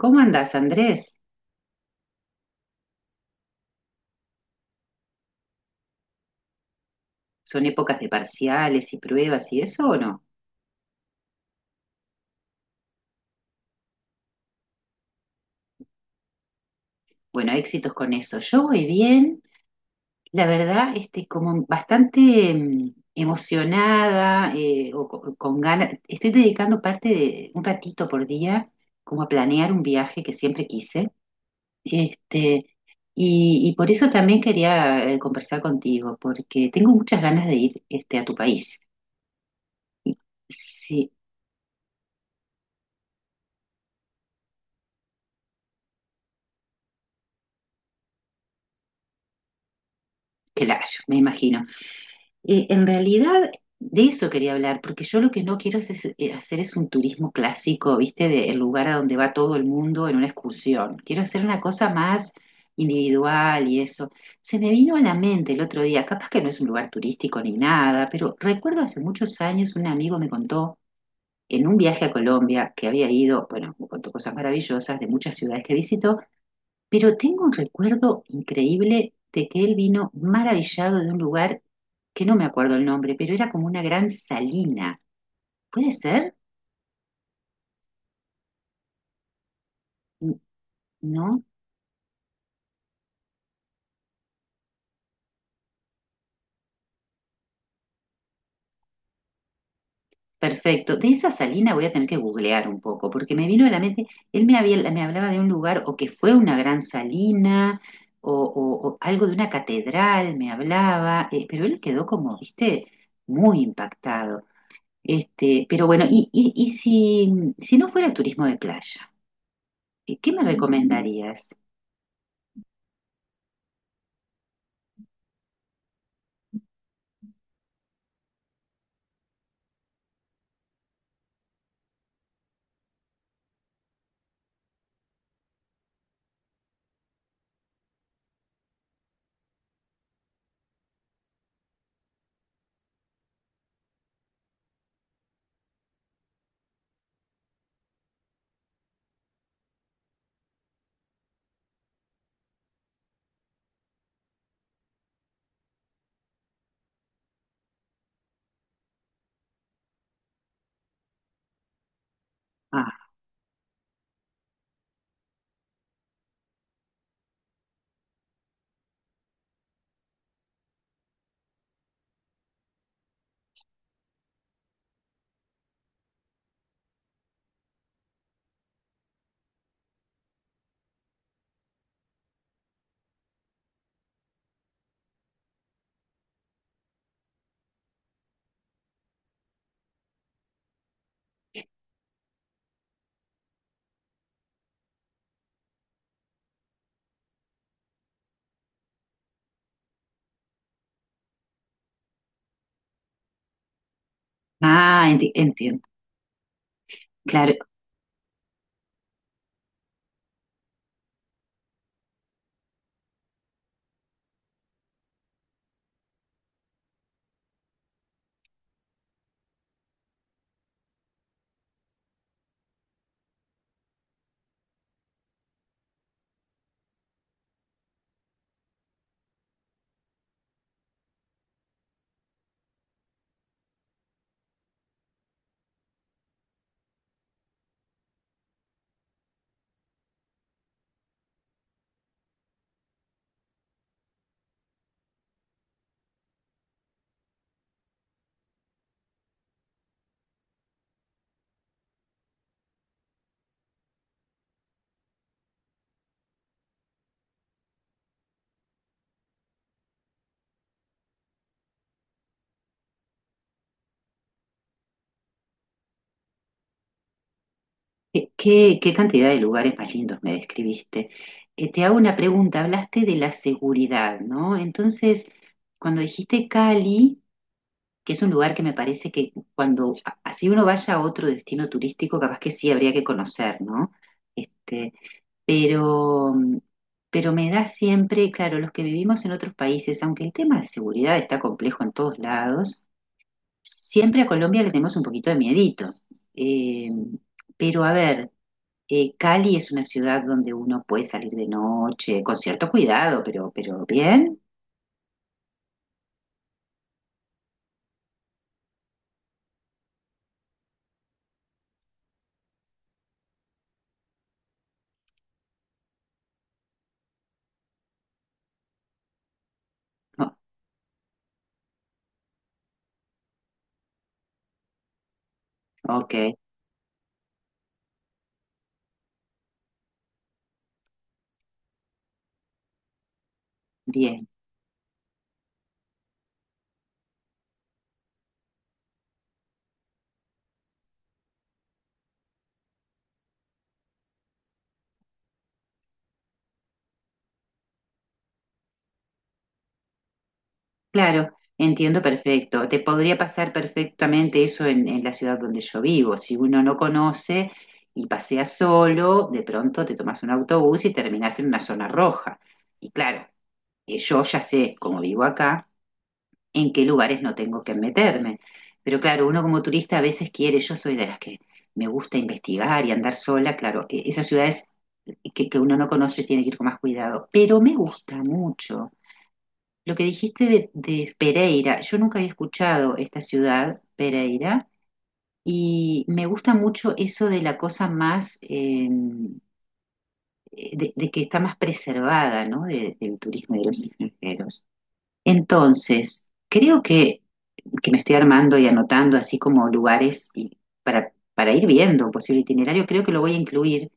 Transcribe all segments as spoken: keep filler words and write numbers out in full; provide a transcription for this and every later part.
¿Cómo andás, Andrés? ¿Son épocas de parciales y pruebas y eso o no? Bueno, éxitos con eso. Yo voy bien, la verdad, este, como bastante mm, emocionada eh, o co- con ganas. Estoy dedicando parte de un ratito por día como a planear un viaje que siempre quise. Este, y, y por eso también quería eh, conversar contigo, porque tengo muchas ganas de ir este, a tu país. Sí, claro, me imagino. Eh, en realidad, de eso quería hablar, porque yo lo que no quiero es- es- eh, hacer es un turismo clásico, ¿viste? De, el lugar a donde va todo el mundo en una excursión. Quiero hacer una cosa más individual y eso. Se me vino a la mente el otro día, capaz que no es un lugar turístico ni nada, pero recuerdo hace muchos años un amigo me contó en un viaje a Colombia que había ido, bueno, me contó cosas maravillosas de muchas ciudades que visitó, pero tengo un recuerdo increíble de que él vino maravillado de un lugar que no me acuerdo el nombre, pero era como una gran salina. ¿Puede ser? N- ¿No? Perfecto. De esa salina voy a tener que googlear un poco, porque me vino a la mente, él me había, me hablaba de un lugar o que fue una gran salina o, o- o algo de una catedral, me hablaba, eh, pero él quedó como, viste, muy impactado. Este, pero bueno, y, y, y si, si no fuera turismo de playa. ¿Qué qué me recomendarías? Ah, ah, enti- entiendo. Claro, ¿qué, qué- qué cantidad de lugares más lindos me describiste? Eh, te hago una pregunta, hablaste de la seguridad, ¿no? Entonces, cuando dijiste Cali, que es un lugar que me parece que cuando, a- así uno vaya a otro destino turístico, capaz que sí habría que conocer, ¿no? Este, pero, pero me da siempre, claro, los que vivimos en otros países, aunque el tema de seguridad está complejo en todos lados, siempre a Colombia le tenemos un poquito de miedito. Eh, pero a ver, eh, Cali es una ciudad donde uno puede salir de noche, con cierto cuidado, pero, pero bien. Oh, ok, bien, claro, entiendo perfecto. Te podría pasar perfectamente eso en, en la ciudad donde yo vivo. Si uno no conoce y pasea solo, de pronto te tomas un autobús y terminas en una zona roja. Y claro, eh, yo ya sé, como vivo acá, en qué lugares no tengo que meterme. Pero claro, uno como turista a veces quiere, yo soy de las que me gusta investigar y andar sola, claro, e- esas ciudades que, que uno no conoce tiene que ir con más cuidado, pero me gusta mucho. Lo que dijiste de, de Pereira, yo nunca había escuchado esta ciudad, Pereira, y me gusta mucho eso de la cosa más, em, eh, de, de que está más preservada, ¿no? De- del turismo y de los extranjeros. Entonces, creo que, que me estoy armando y anotando así como lugares y para, para ir viendo un posible itinerario, creo que lo voy a incluir,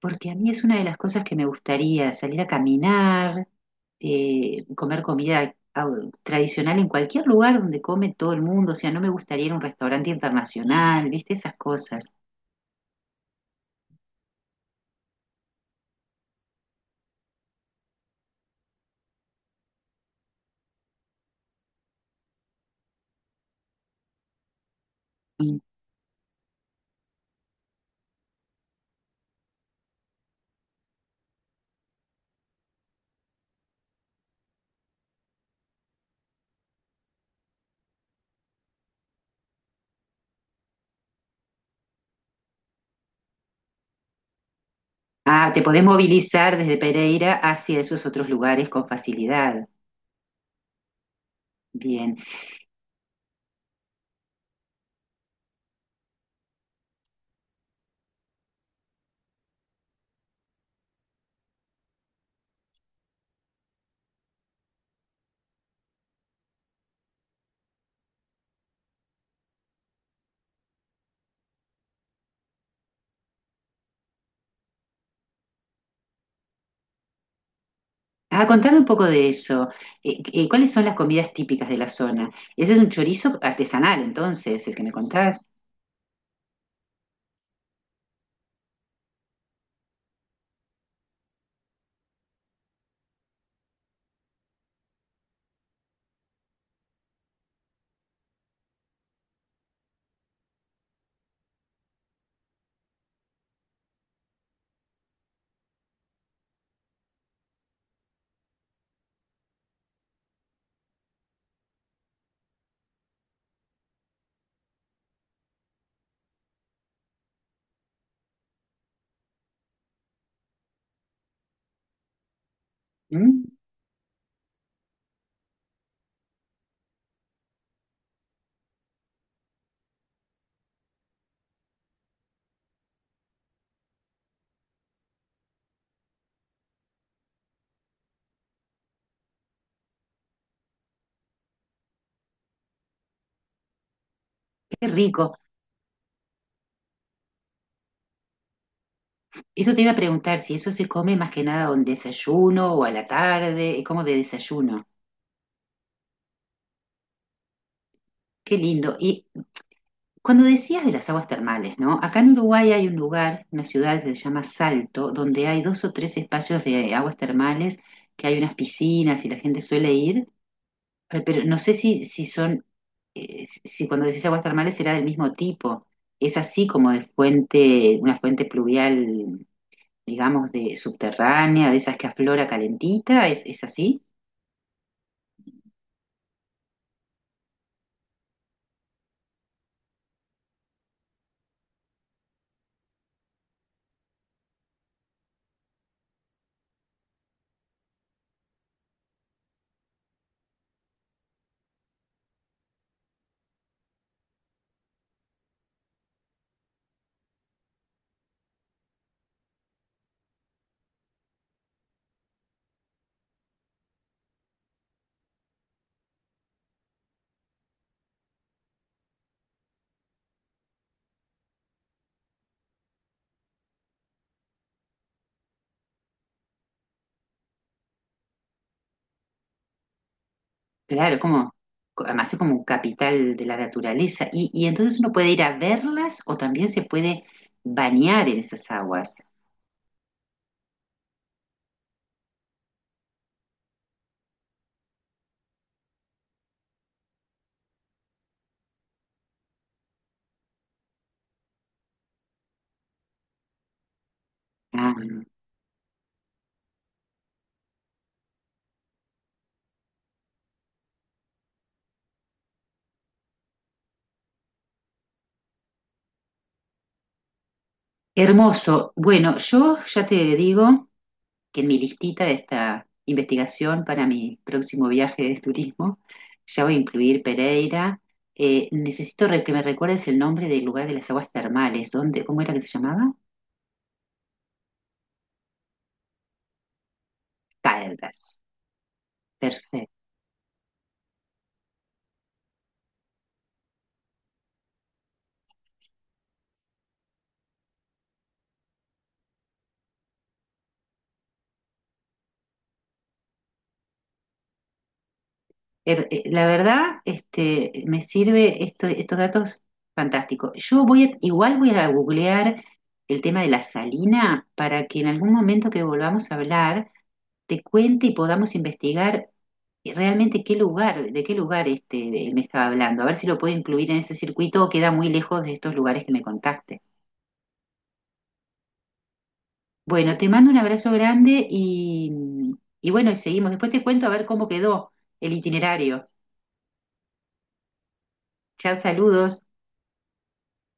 porque a mí es una de las cosas que me gustaría, salir a caminar, eh, comer comida ah, tradicional en cualquier lugar donde come todo el mundo, o sea, no me gustaría ir a un restaurante internacional, ¿viste? Esas cosas. Y- Ah, te podés movilizar desde Pereira hacia esos otros lugares con facilidad. Bien. Ah, contame un poco de eso. Eh, eh, ¿cuáles son las comidas típicas de la zona? Ese es un chorizo artesanal, entonces, el que me contás. Mm, qué rico. Eso te iba a preguntar, si eso se come más que nada a un desayuno o a la tarde, eh, como de desayuno. Qué lindo. Y cuando decías de las aguas termales, ¿no? Acá en Uruguay hay un lugar, una ciudad que se llama Salto, donde hay dos o tres espacios de aguas termales, que hay unas piscinas y la gente suele ir. Ay, pero no sé si, si son, eh, si si cuando decís aguas termales será del mismo tipo. Es así como de fuente, una fuente pluvial, digamos, de subterránea, de esas que aflora calentita, ¿es, es así? Claro, es como, co- además es como un capital de la naturaleza. Y, y entonces uno puede ir a verlas o también se puede bañar en esas aguas. Ah, hermoso. Bueno, yo ya te digo, que en mi listita de esta investigación para mi próximo viaje de turismo ya voy a incluir Pereira. Eh, necesito re- que me recuerdes el nombre del lugar de las aguas termales. ¿Dónde, cómo era que se llamaba? Caldas. Perfecto. Er- eh, la verdad, este, me sirve esto- estos datos fantásticos. Yo voy a- igual voy a googlear el tema de la salina para que en algún momento que volvamos a hablar te cuente y podamos investigar eh, realmente qué lugar, de qué lugar este, él me estaba hablando, a ver si lo puedo incluir en ese circuito o queda muy lejos de estos lugares que me contaste. Bueno, te mando un abrazo grande y, y bueno, y seguimos. Después te cuento a ver cómo quedó el itinerario. Chao, saludos.